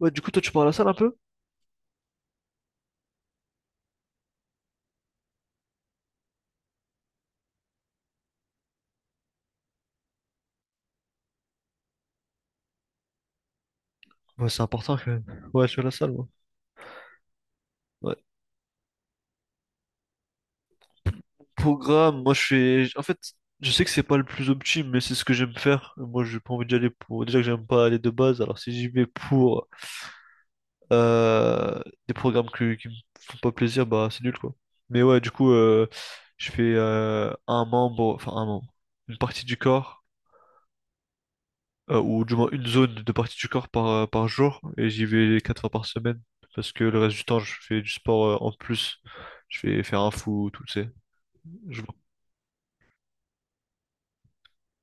Ouais, du coup, toi, tu pars à la salle un peu? Ouais, c'est important quand même. Ouais, je suis à la salle, moi. Ouais. Programme, moi, je fais... En fait, je sais que c'est pas le plus optime, mais c'est ce que j'aime faire. Moi, j'ai pas envie d'y aller pour... Déjà que j'aime pas aller de base, alors si j'y vais pour euh, des qui me font pas plaisir, bah, c'est nul, quoi. Mais ouais, du coup, je fais un membre... Enfin, un membre. Une partie du corps. Euh, ou du moins une zone de partie du corps par, par jour, et j'y vais 4 fois par semaine, parce que le reste du temps, je fais du sport en plus. Je vais faire un foot, tout, tu sais. Je-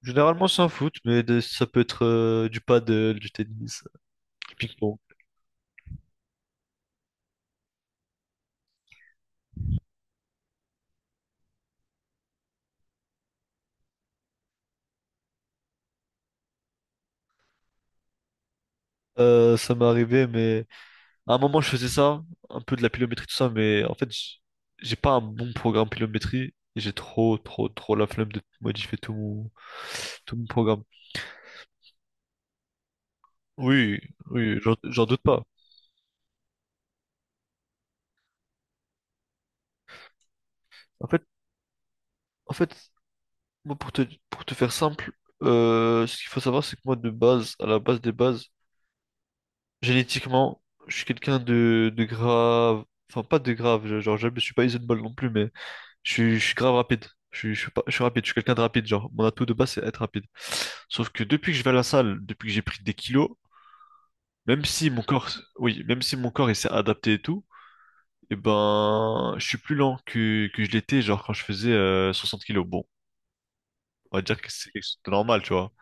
Généralement, c'est un foot, mais ça peut être du paddle, du tennis, du ping-pong. Ça m'est arrivé, mais à un moment, je faisais ça, un peu de la pilométrie, tout ça, mais en fait, j'ai pas un bon programme pilométrie, et j'ai trop la flemme de modifier tout mon programme. Oui, oui, j'en doute pas. En fait, en fait, moi, pour te faire simple, ce qu'il faut savoir, c'est que moi, de base, à la base des bases, génétiquement, je suis quelqu'un de grave. Enfin, pas de grave, genre, je ne suis pas Isenball non plus, mais je suis grave rapide. Je suis pas- je suis rapide, je suis quelqu'un de rapide, genre, mon atout de base, c'est être rapide. Sauf que depuis que je vais à la salle, depuis que j'ai pris des kilos, même si mon corps, oui, même si mon corps, il s'est adapté et tout, et ben, je suis plus lent que je l'étais, genre, quand je faisais 60 kilos. Bon, on va dire que c'est normal, tu vois.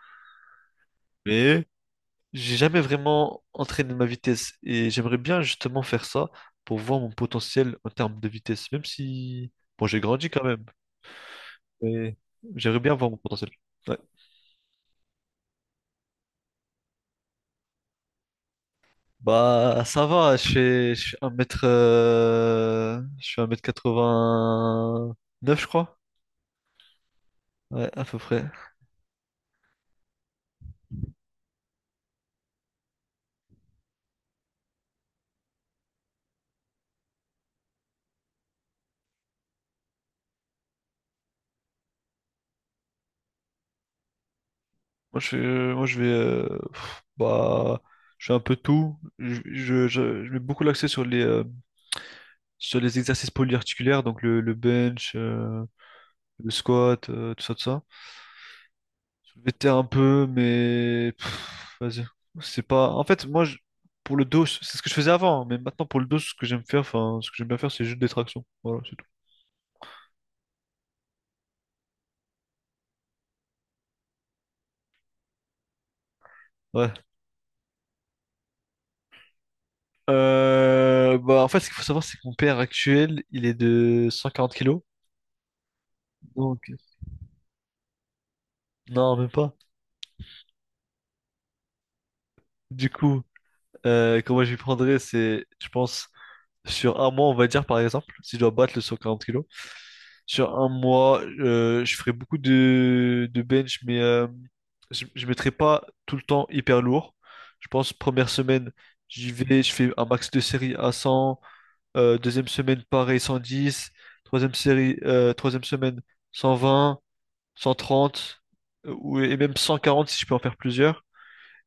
Mais j'ai jamais vraiment entraîné ma vitesse et j'aimerais bien justement faire ça pour voir mon potentiel en termes de vitesse, même si, bon, j'ai grandi quand même, mais j'aimerais bien voir mon potentiel. Ouais. Bah, ça va, je fais 1m, je fais 1m89 je crois. Ouais, à peu près. Moi, je vais, bah, je fais un peu tout. Je mets beaucoup l'accent sur sur les exercices polyarticulaires, donc le bench, le squat, euh, tout ça. Soulevé de terre un peu, mais pff, vas-y. C'est pas. En fait, pour le dos, c'est ce que je faisais avant, hein, mais maintenant pour le dos, ce que j'aime faire, enfin, ce que j'aime bien faire, c'est juste des tractions. Voilà, c'est tout. Ouais. Bah, en fait, ce qu'il faut savoir, c'est que mon père actuel, il est de 140 kilos. Donc, non, même pas. Du coup, comment je lui prendrais, c'est, je pense, sur un mois, on va dire, par exemple, si je dois battre le 140 kilos. Sur un mois, je ferai beaucoup de bench, mais je ne mettrai pas tout le temps hyper lourd. Je pense première semaine, j'y vais, je fais un max de séries à 100. Deuxième semaine, pareil, 110. Troisième semaine, 120, 130, et même 140 si je peux en faire plusieurs.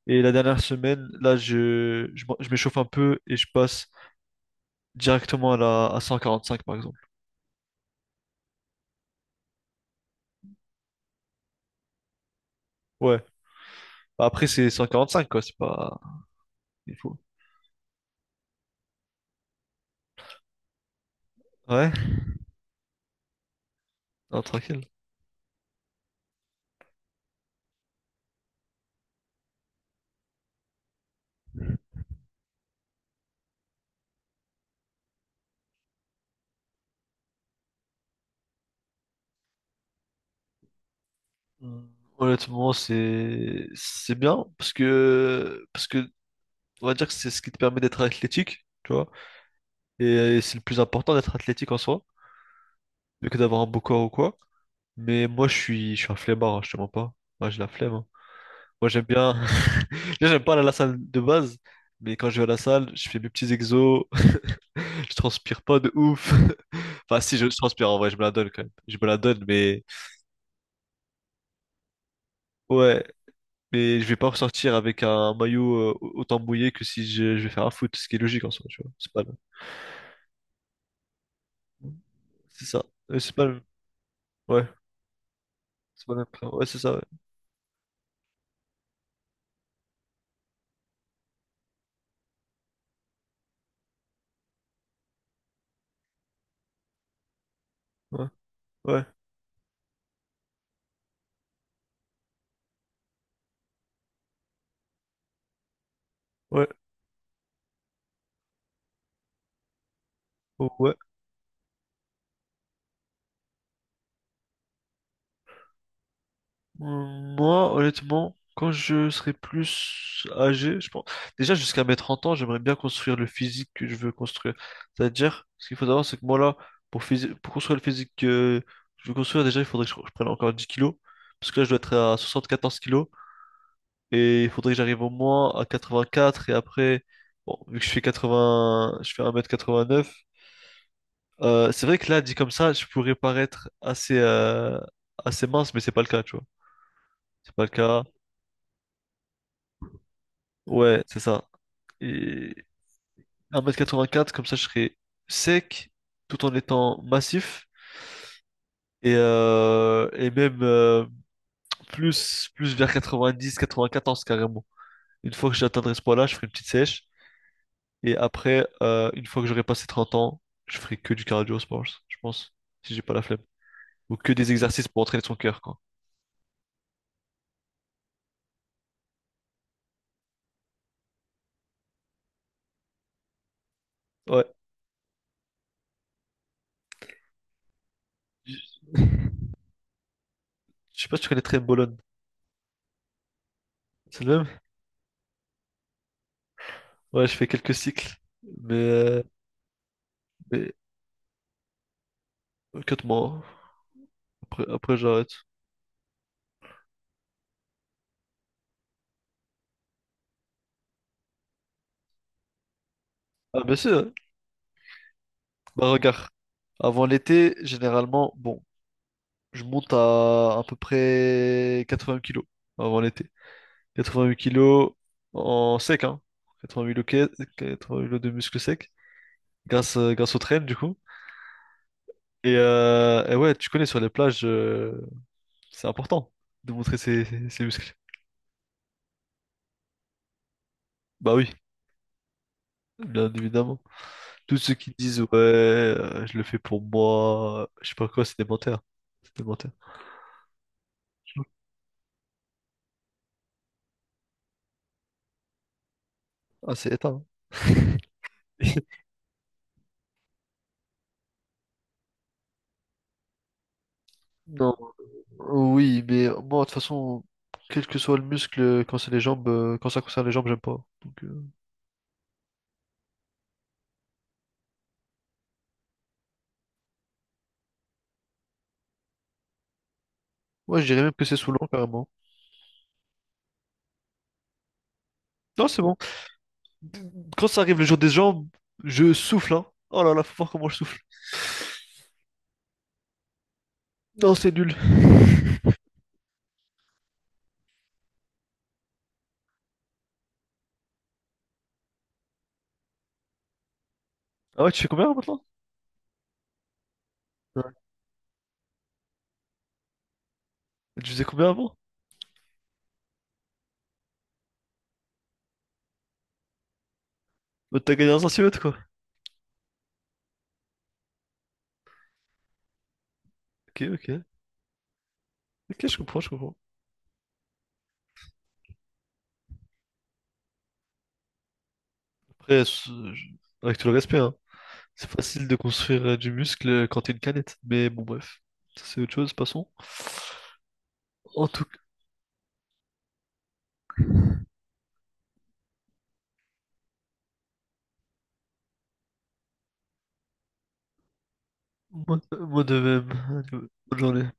Et la dernière semaine, là, je m'échauffe un peu et je passe directement à 145, par exemple. Ouais. Bah, après, c'est 145, quoi. C'est pas... Ouais, non, tranquille. Hmm, honnêtement, c'est bien parce que on va dire que c'est ce qui te permet d'être athlétique, tu vois. Et, c'est le plus important d'être athlétique en soi, plus que d'avoir un beau corps ou quoi. Mais moi, je suis un flemmard, hein, je te mens pas. Moi, j'ai la flemme, hein. Moi, j'aime bien. Déjà, j'aime pas aller à la salle de base, mais quand je vais à la salle, je fais mes petits exos. Je transpire pas de ouf. Enfin, si je transpire en vrai, je me la donne quand même. Je me la donne, mais ouais, mais je vais pas ressortir avec un maillot autant mouillé que si je vais faire un foot, ce qui est logique en soi, tu vois. C'est ça. C'est pas le- Ouais. C'est pas le- Ouais, c'est ça, ouais. Ouais. Ouais. Ouais. Oh, ouais. Moi, honnêtement, quand je serai plus âgé, je pense. Déjà, jusqu'à mes 30 ans, j'aimerais bien construire le physique que je veux construire. C'est-à-dire, ce qu'il faut savoir, c'est que moi, là, pour construire le physique que je veux construire, déjà, il faudrait que je prenne encore 10 kilos. Parce que là, je dois être à 14 kilos. Et il faudrait que j'arrive au moins à 84. Et après, bon, vu que je fais 80, je fais 1m89. Euh, c'est vrai que là, dit comme ça, je pourrais paraître assez mince, mais c'est pas le cas, tu vois. C'est pas le cas. Ouais, c'est ça. Et 1m84, comme ça, je serais sec, tout en étant massif. Et même plus, plus vers 90, 94 carrément. Une fois que j'atteindrai ce poids-là, je ferai une petite sèche. Et après, une fois que j'aurai passé 30 ans, je ferai que du cardio, je pense, si j'ai pas la flemme. Ou que des exercices pour entraîner son cœur, quoi. Ouais. Je je sais pas si tu connais très Bolone. C'est le même? Ouais, je fais quelques cycles. Mais, mais ok, 4 mois, hein. Après j'arrête. Ah, bien sûr, hein. Bah, regarde. Avant l'été, généralement, bon, je monte à peu près 80 kilos avant l'été. 88 kilos en sec, hein. 88 kilos, 88 kilos de muscles secs. Grâce au train, du coup. Et, ouais, tu connais sur les plages, c'est important de montrer ses muscles. Bah oui, bien évidemment. Tous ceux qui disent ouais, je le fais pour moi, je sais pas quoi, c'est des menteurs. C'est des menteurs. Ah, c'est éteint. Non, oui, mais moi, de toute façon, quel que soit le muscle, quand ça concerne les jambes, j'aime pas. Donc, ouais, je dirais même que c'est saoulant, carrément. Non, c'est bon. Quand ça arrive le jour des jambes, je souffle, hein. Oh là là, faut voir comment je souffle. Non, c'est nul. Ah ouais, tu fais combien maintenant? Tu faisais combien avant? Bah, t'as gagné un centimètre, quoi. Ok, ok. Ok, je comprends, je comprends. Après, avec tout le respect, hein, c'est facile de construire du muscle quand t'es une canette. Mais bon, bref. Ça, c'est autre chose, passons. En tout cas, moi de même. Allez, bonne journée.